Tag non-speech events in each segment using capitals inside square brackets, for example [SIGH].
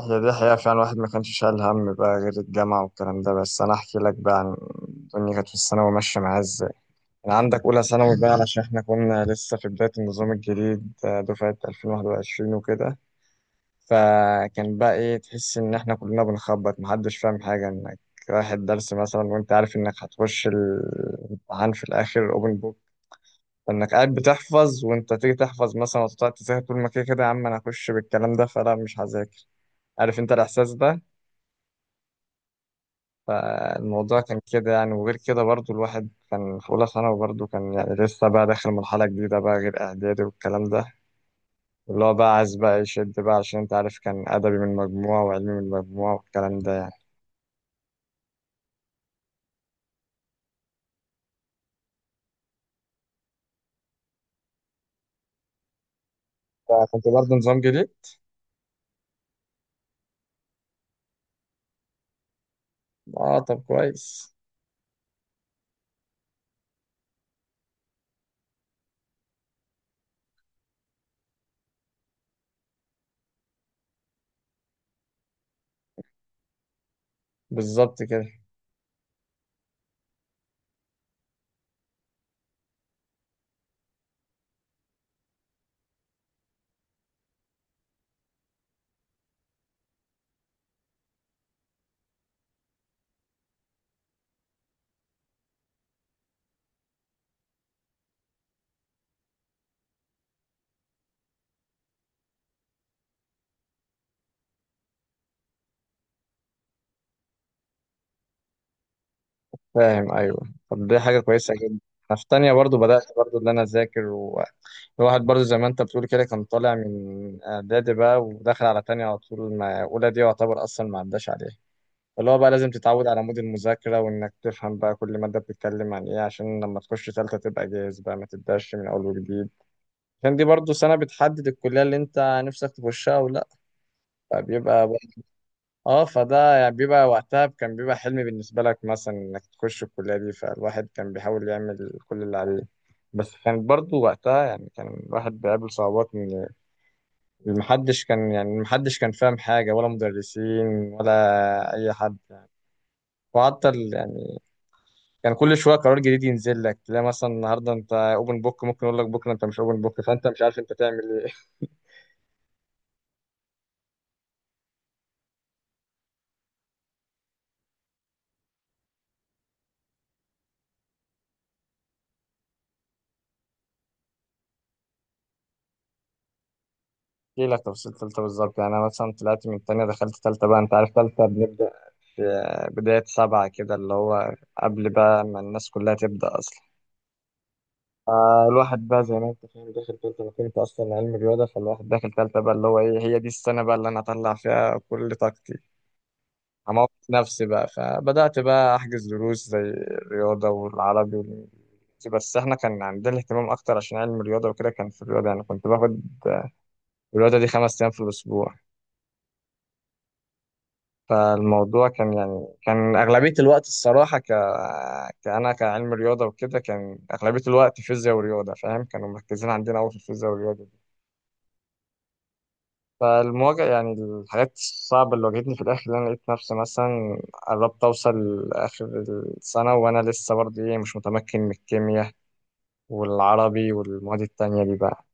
هي دي حقيقة فعلا الواحد ما كانش شايل هم بقى غير الجامعة والكلام ده. بس أنا أحكي لك بقى عن الدنيا كانت في الثانوي ماشية معايا إزاي. أنا عندك أولى ثانوي بقى [LAUGHS] علشان إحنا كنا لسه في بداية النظام الجديد، دفعة 2021 وكده. فكان بقى إيه، تحس إن إحنا كلنا بنخبط، محدش فاهم حاجة، إنك رايح الدرس مثلا وأنت عارف إنك هتخش الامتحان في الآخر أوبن بوك، فإنك قاعد بتحفظ وأنت تيجي تحفظ مثلا وتقعد تذاكر، طول ما كده كده يا عم أنا هخش بالكلام ده فلا مش هذاكر. عارف أنت الإحساس ده؟ الموضوع كان كده يعني. وغير كده برضو الواحد كان في أولى ثانوي، برضو كان يعني لسه بقى داخل مرحلة جديدة بقى غير إعدادي والكلام ده، اللي هو بقى عايز بقى يشد بقى عشان أنت عارف كان أدبي من مجموعة وعلمي من مجموعة والكلام ده. يعني كنت برضو نظام جديد؟ آه طب كويس. بالظبط كده. فاهم. أيوه، طب دي حاجة كويسة جدا. أنا في تانية برضو بدأت برضو إن أنا أذاكر، والواحد برضو زي ما أنت بتقول كده كان طالع من إعدادي بقى وداخل على تانية على طول، ما أولى دي يعتبر أصلا ما عداش عليها، اللي هو بقى لازم تتعود على مود المذاكرة وإنك تفهم بقى كل مادة بتتكلم عن إيه عشان لما تخش تالتة تبقى جاهز بقى، ما تبدأش من أول وجديد، عشان دي برضو سنة بتحدد الكلية اللي أنت نفسك تخشها أو لأ. فبيبقى بقى آه، فده يعني بيبقى، وقتها كان بيبقى حلم بالنسبة لك مثلا إنك تخش الكلية دي، فالواحد كان بيحاول يعمل كل اللي عليه. بس كان برضو وقتها يعني كان الواحد بيقابل صعوبات، إن محدش كان، يعني محدش كان فاهم حاجة، ولا مدرسين ولا أي حد يعني. وحتى ال- يعني كان كل شويه قرار جديد ينزل لك، تلاقي مثلا النهارده انت اوبن بوك، ممكن يقول لك بكره انت مش اوبن بوك، فانت مش عارف انت تعمل ايه. [LAUGHS] احكي لك تفاصيل ثالثه بالظبط. يعني انا مثلا طلعت من الثانيه دخلت ثالثه بقى، انت عارف ثالثه بنبدا في بدايه 7 كده، اللي هو قبل بقى ما الناس كلها تبدا اصلا. فالواحد بقى زي ما انت فاهم داخل ثالثه، انا كنت اصلا علم رياضه، فالواحد داخل ثالثه بقى اللي هو ايه، هي دي السنه بقى اللي انا هطلع فيها كل طاقتي، عملت نفسي بقى. فبدأت بقى أحجز دروس زي الرياضة والعربي والإنجليزي، بس إحنا كان عندنا اهتمام أكتر عشان علم الرياضة وكده، كان في الرياضة يعني كنت باخد الرياضة دي 5 أيام في الأسبوع. فالموضوع كان، يعني كان أغلبية الوقت الصراحة كأنا كعلم رياضة وكده، كان أغلبية الوقت فيزياء ورياضة، فاهم، كانوا مركزين عندنا أوي في الفيزياء والرياضة. فالمواجهة يعني الحاجات الصعبة اللي واجهتني في الآخر، اللي أنا لقيت نفسي مثلا قربت أوصل لآخر السنة وأنا لسه برضه إيه، مش متمكن من الكيمياء والعربي والمواد التانية دي بقى.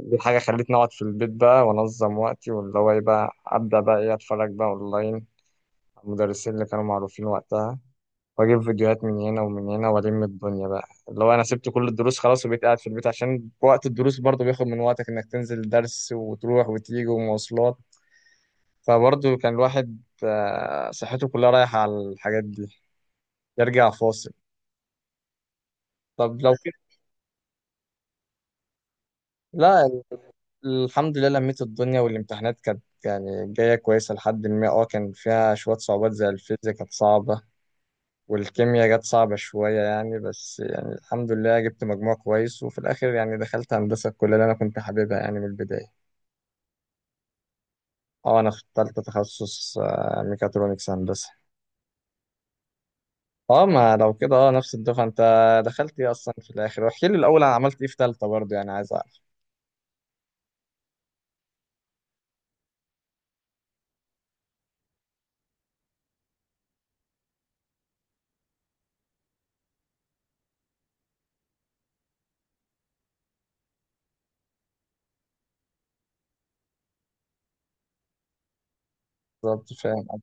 دي حاجة خلتني أقعد في البيت بقى وأنظم وقتي، واللي هو إيه بقى، أبدأ بقى إيه، أتفرج بقى أونلاين على المدرسين اللي كانوا معروفين وقتها، وأجيب فيديوهات من هنا ومن هنا وألم الدنيا بقى، اللي هو أنا سبت كل الدروس خلاص وبقيت قاعد في البيت، عشان وقت الدروس برضه بياخد من وقتك إنك تنزل درس وتروح وتيجي ومواصلات. فبرضه كان الواحد صحته كلها رايحة على الحاجات دي، يرجع فاصل. طب لو كده. لا ال- الحمد لله لميت الدنيا، والامتحانات كانت يعني جاية كويسة لحد ما، اه كان فيها شوية صعوبات زي الفيزياء كانت صعبة، والكيمياء جت صعبة شوية يعني، بس يعني الحمد لله جبت مجموع كويس، وفي الآخر يعني دخلت هندسة، الكلية اللي أنا كنت حاببها يعني من البداية. اه أنا اخترت تخصص ميكاترونكس هندسة. اه ما لو كده، اه نفس الدفعه. انت دخلت ايه اصلا في الاخر؟ واحكي لي الاول انا عملت ايه في ثالثه برضه يعني عايز اعرف. بالظبط فاهم.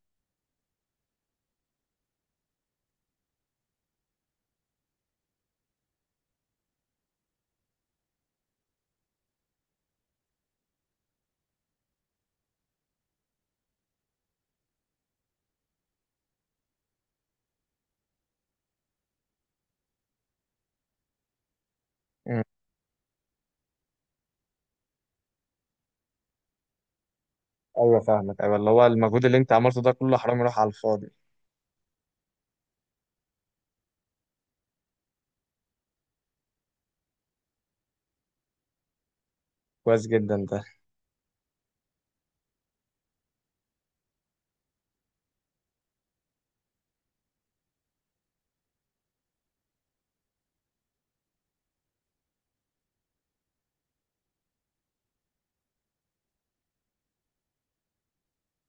أمم، ايوه فاهمك. ايوه، اللي هو المجهود اللي انت عملته ده كله حرام يروح على الفاضي. كويس جدا ده.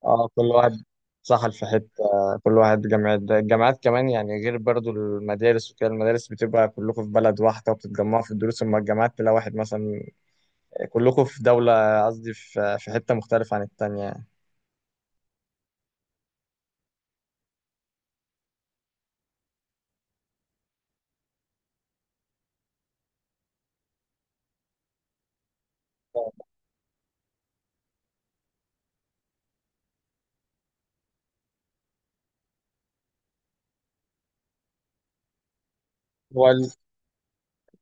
اه، كل واحد سحل في حته، كل واحد جامعات، ده الجامعات كمان يعني، غير برضه المدارس وكده، المدارس بتبقى كلكم في بلد واحده وبتتجمعوا في الدروس، اما الجامعات تلاقي واحد مثلا كلكم في دوله، قصدي في حته مختلفه عن التانيه يعني.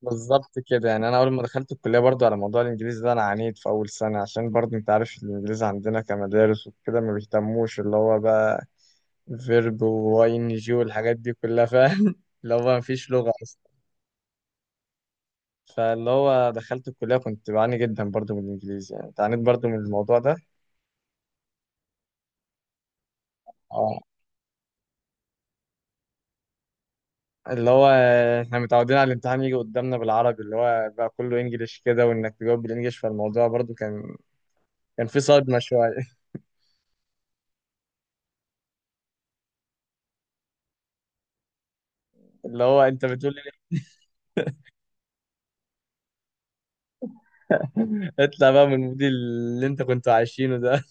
بالظبط كده. يعني انا اول ما دخلت الكليه، برضو على موضوع الانجليزي ده انا عانيت في اول سنه، عشان برضو انت عارف الانجليزي عندنا كمدارس وكده ما بيهتموش، اللي هو بقى فيرب واي ان جي والحاجات دي كلها فاهم، [LAUGHS] اللي هو ما فيش لغه اصلا. فاللي هو دخلت الكليه كنت بعاني جدا برضو من الانجليزي، يعني عانيت برضو من الموضوع ده. اه، اللي هو احنا متعودين على الامتحان يجي قدامنا بالعربي، اللي هو بقى كله انجليش كده، وانك تجاوب بالانجليش، فالموضوع برضو كان، كان في صدمه شويه. [LAUGHS] اللي هو انت بتقول. [LAUGHS] اطلع بقى من الموديل اللي انت كنت عايشينه ده.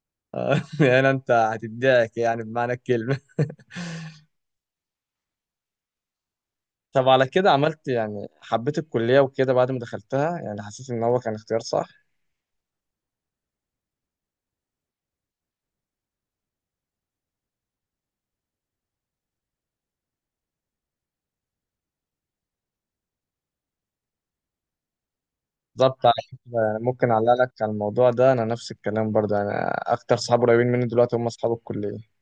[LAUGHS] يعني انت هتدعك يعني بمعنى الكلمة. [LAUGHS] طب على كده عملت، يعني حبيت الكلية وكده بعد ما دخلتها؟ يعني حسيت ان هو كان اختيار صح. بالظبط. على فكرة يعني ممكن اعلق لك على الموضوع ده، انا نفس الكلام برضه يعني، اكتر صحاب قريبين مني دلوقتي هم اصحاب الكلية.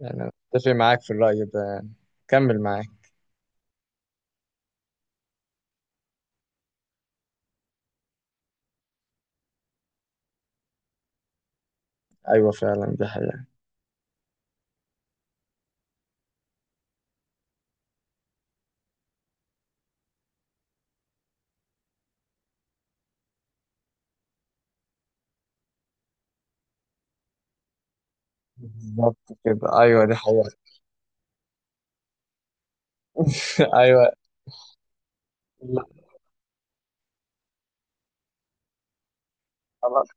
يعني أنا اتفق معاك في الرأي ده يعني، كمل معاك. ايوه فعلا دي حقيقة. بالظبط كده. ايوه دي حقيقة. [LAUGHS] ايوه. لا، خلاص.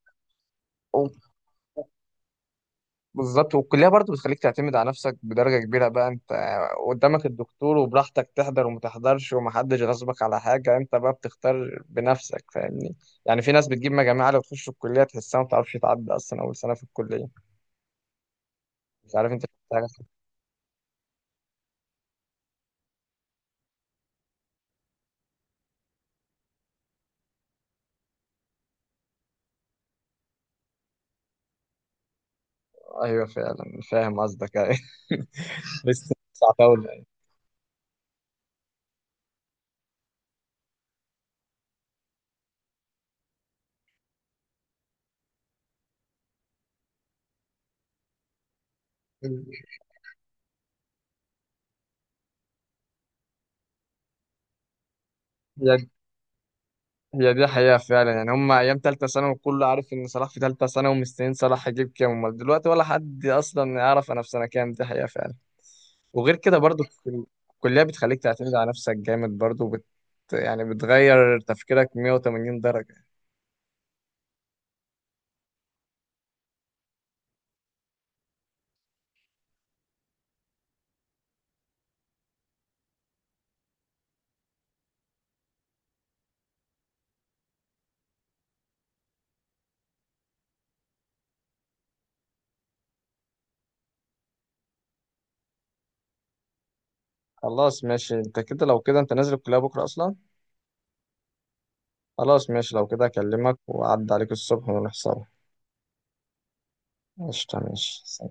بالظبط. والكلية برضو بتخليك تعتمد على نفسك بدرجة كبيرة بقى، انت قدامك الدكتور وبراحتك تحضر وما تحضرش، ومحدش غصبك على حاجة، انت بقى بتختار بنفسك، فاهمني يعني؟ في ناس بتجيب مجاميع عالية وتخش الكلية تحسها ما بتعرفش تعدي أصلا أول سنة في الكلية، مش عارف انت شفت حاجة؟ أيوه فعلا فاهم قصدك، أيوه. [LAUGHS] بس صعب أوي يعني. هي هي دي حقيقة فعلا. يعني هم أيام تالتة ثانوي كله عارف إن صلاح في تالتة ثانوي ومستنيين صلاح يجيب كام، أمال دلوقتي ولا حد أصلا يعرف أنا في سنة كام، دي حقيقة فعلا. وغير كده برضو الكلية بتخليك تعتمد على نفسك جامد برضو، يعني بتغير تفكيرك 180 درجة. خلاص ماشي. انت كده لو كده انت نازل الكلية بكرة اصلا؟ خلاص ماشي، لو كده اكلمك واعد عليك الصبح ونحصل. ماشي ماشي.